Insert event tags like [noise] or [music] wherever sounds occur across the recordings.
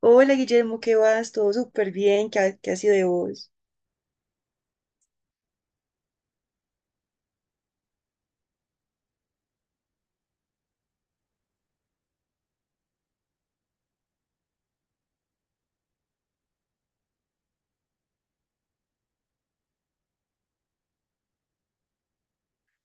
Hola Guillermo, ¿qué vas? Todo súper bien, ¿qué ha sido de vos?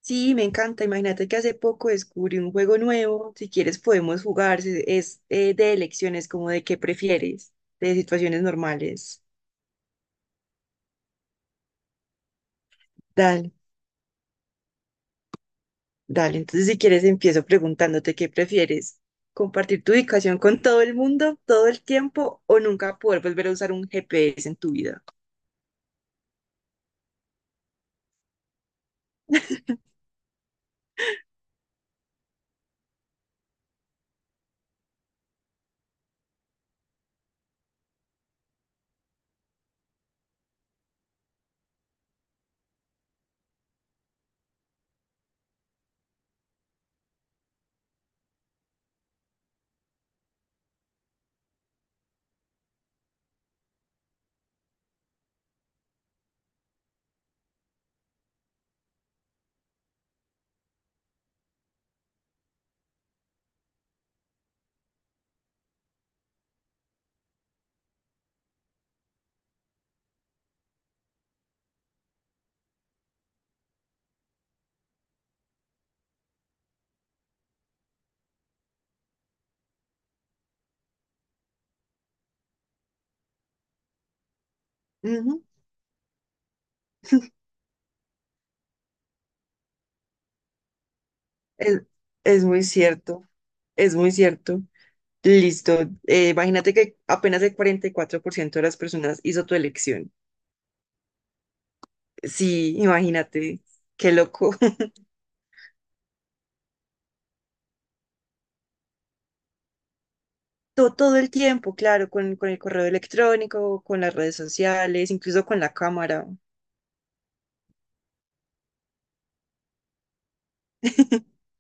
Sí, me encanta. Imagínate que hace poco descubrí un juego nuevo. Si quieres podemos jugar. Es de elecciones, como de qué prefieres, de situaciones normales. Dale, dale. Entonces si quieres empiezo preguntándote qué prefieres. ¿Compartir tu ubicación con todo el mundo todo el tiempo o nunca poder volver a usar un GPS en tu vida? Ujú. Es, es muy cierto, es muy cierto. Listo. Imagínate que apenas el 44% de las personas hizo tu elección. Sí, imagínate. Qué loco. [laughs] Todo el tiempo, claro, con el correo electrónico, con las redes sociales, incluso con la cámara. [laughs]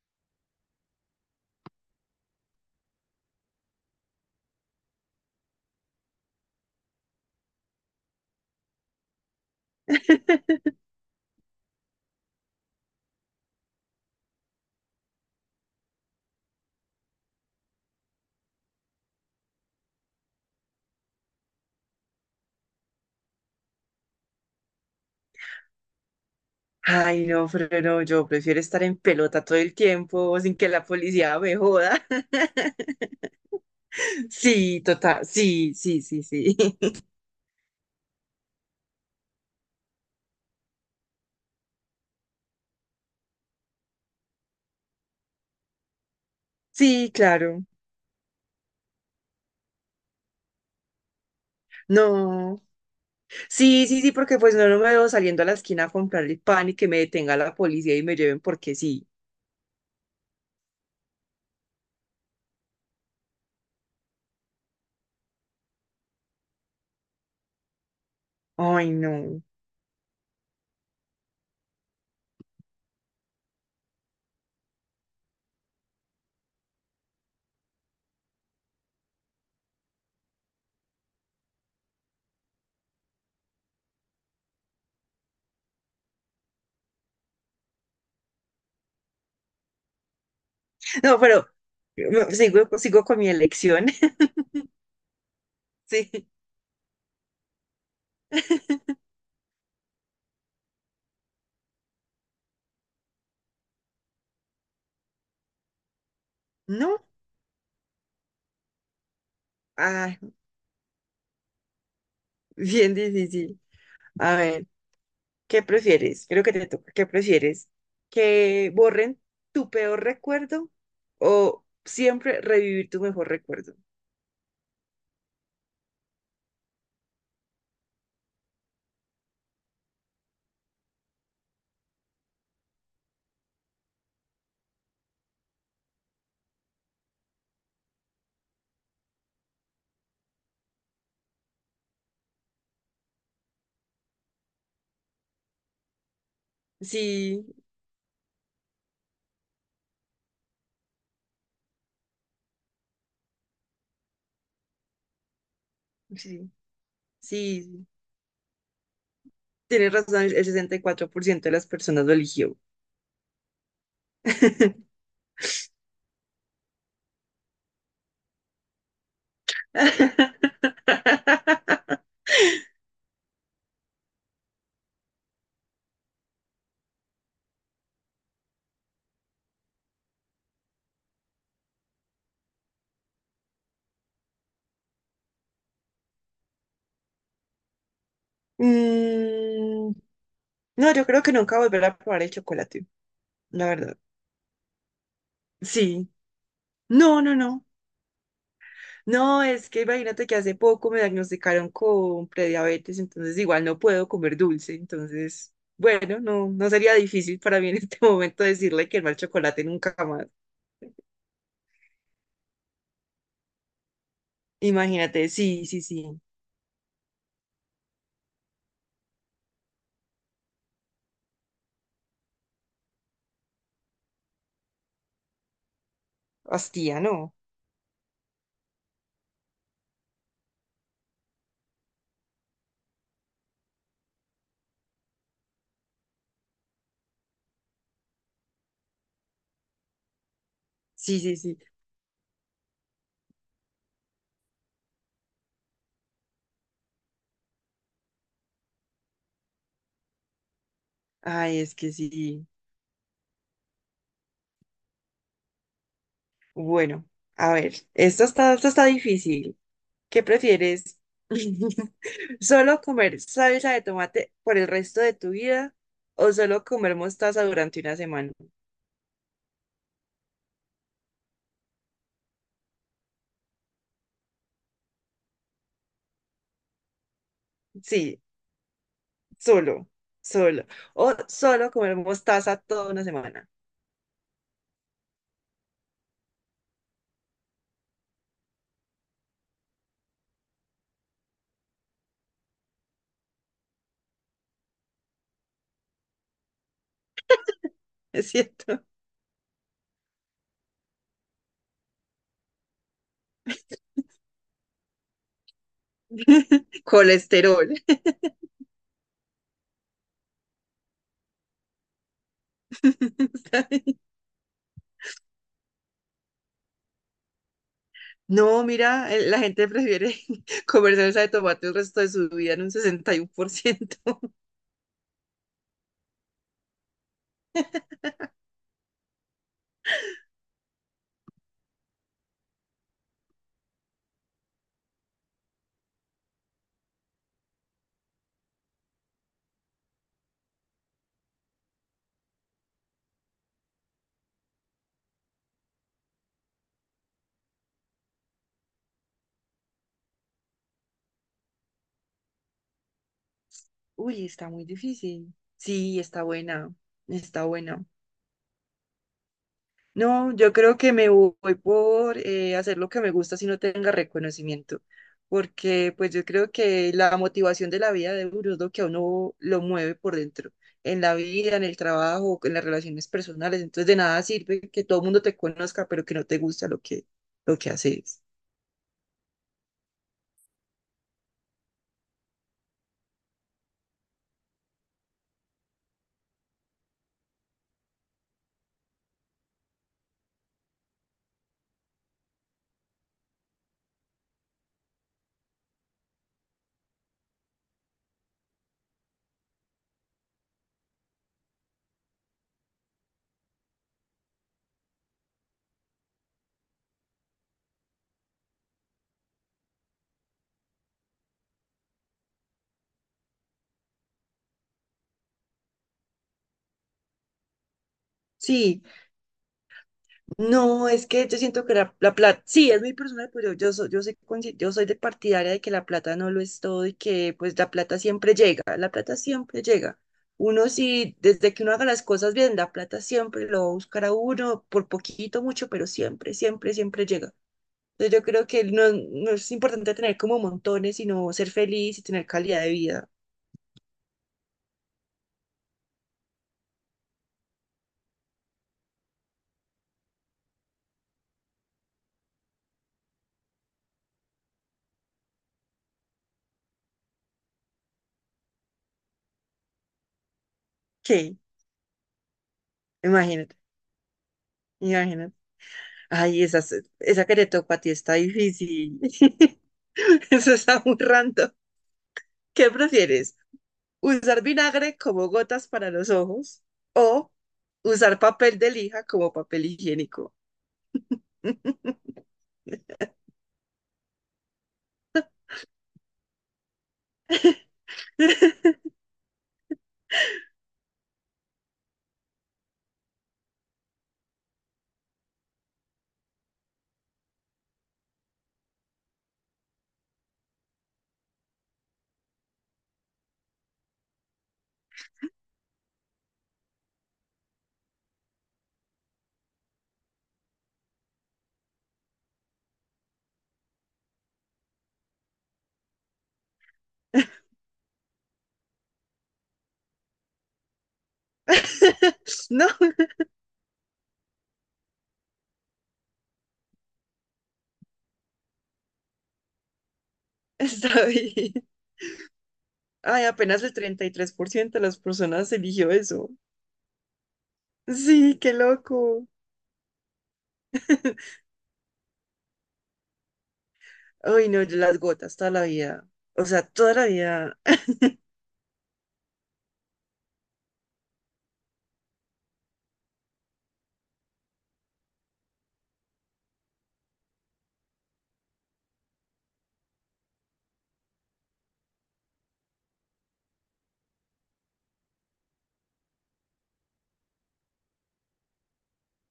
Ay, no, pero no, yo prefiero estar en pelota todo el tiempo sin que la policía me joda. [laughs] Sí, total. Sí, sí, sí, sí. [laughs] Sí, claro. No. Sí, sí, sí, porque pues no, no me veo saliendo a la esquina a comprar el pan y que me detenga la policía y me lleven porque sí. Ay, no. No, pero no, sigo con mi elección. [laughs] Sí. No. Ah, bien difícil. A ver, ¿qué prefieres? Creo que te toca. ¿Qué prefieres? ¿Que borren tu peor recuerdo o siempre revivir tu mejor recuerdo? Sí, sí, sí. Sí, tienes razón, el 64% de las personas lo eligió. [laughs] [laughs] Mm, no, yo creo que nunca volveré a probar el chocolate, la verdad. Sí. No, no, no. No, es que imagínate que hace poco me diagnosticaron con prediabetes, entonces igual no puedo comer dulce, entonces, bueno, no, no sería difícil para mí en este [laughs] momento decirle que no al chocolate nunca más. Imagínate, sí, sí, sí. Hostia, no. Sí, sí, sí. Ay, es que sí. Bueno, a ver, esto está difícil. ¿Qué prefieres? [laughs] ¿Solo comer salsa de tomate por el resto de tu vida o solo comer mostaza durante una semana? Sí, solo, solo. O solo comer mostaza toda una semana. [laughs] ¿Es cierto? Colesterol. [laughs] Está bien. No, mira, la gente prefiere [laughs] comer salsa de tomate el resto de su vida en un 61%. [laughs] Uy, está muy difícil. Sí, está buena, está buena. No, yo creo que me voy por hacer lo que me gusta si no tenga reconocimiento, porque pues yo creo que la motivación de la vida de uno es lo que a uno lo mueve por dentro, en la vida, en el trabajo, en las relaciones personales, entonces de nada sirve que todo el mundo te conozca, pero que no te gusta lo que haces. Sí. No, es que yo siento que la plata, sí, es muy personal, pero yo soy de partidaria de que la plata no lo es todo y que pues la plata siempre llega, la plata siempre llega. Uno sí, desde que uno haga las cosas bien, la plata siempre lo va a buscar a uno, por poquito, mucho, pero siempre, siempre, siempre llega. Entonces yo creo que no, no es importante tener como montones, sino ser feliz y tener calidad de vida. Sí, imagínate. Imagínate. Ay, esa que te tocó a ti está difícil. [laughs] Eso está muy random. ¿Qué prefieres? ¿Usar vinagre como gotas para los ojos o usar papel de lija como papel higiénico? [laughs] No, está bien. Ay, apenas el 33% de las personas eligió eso. Sí, qué loco. [laughs] Ay, no, yo las gotas toda la vida. O sea, toda la vida.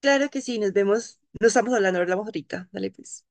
Claro que sí, nos vemos. No estamos hablando, hablamos ahorita. Dale, pues.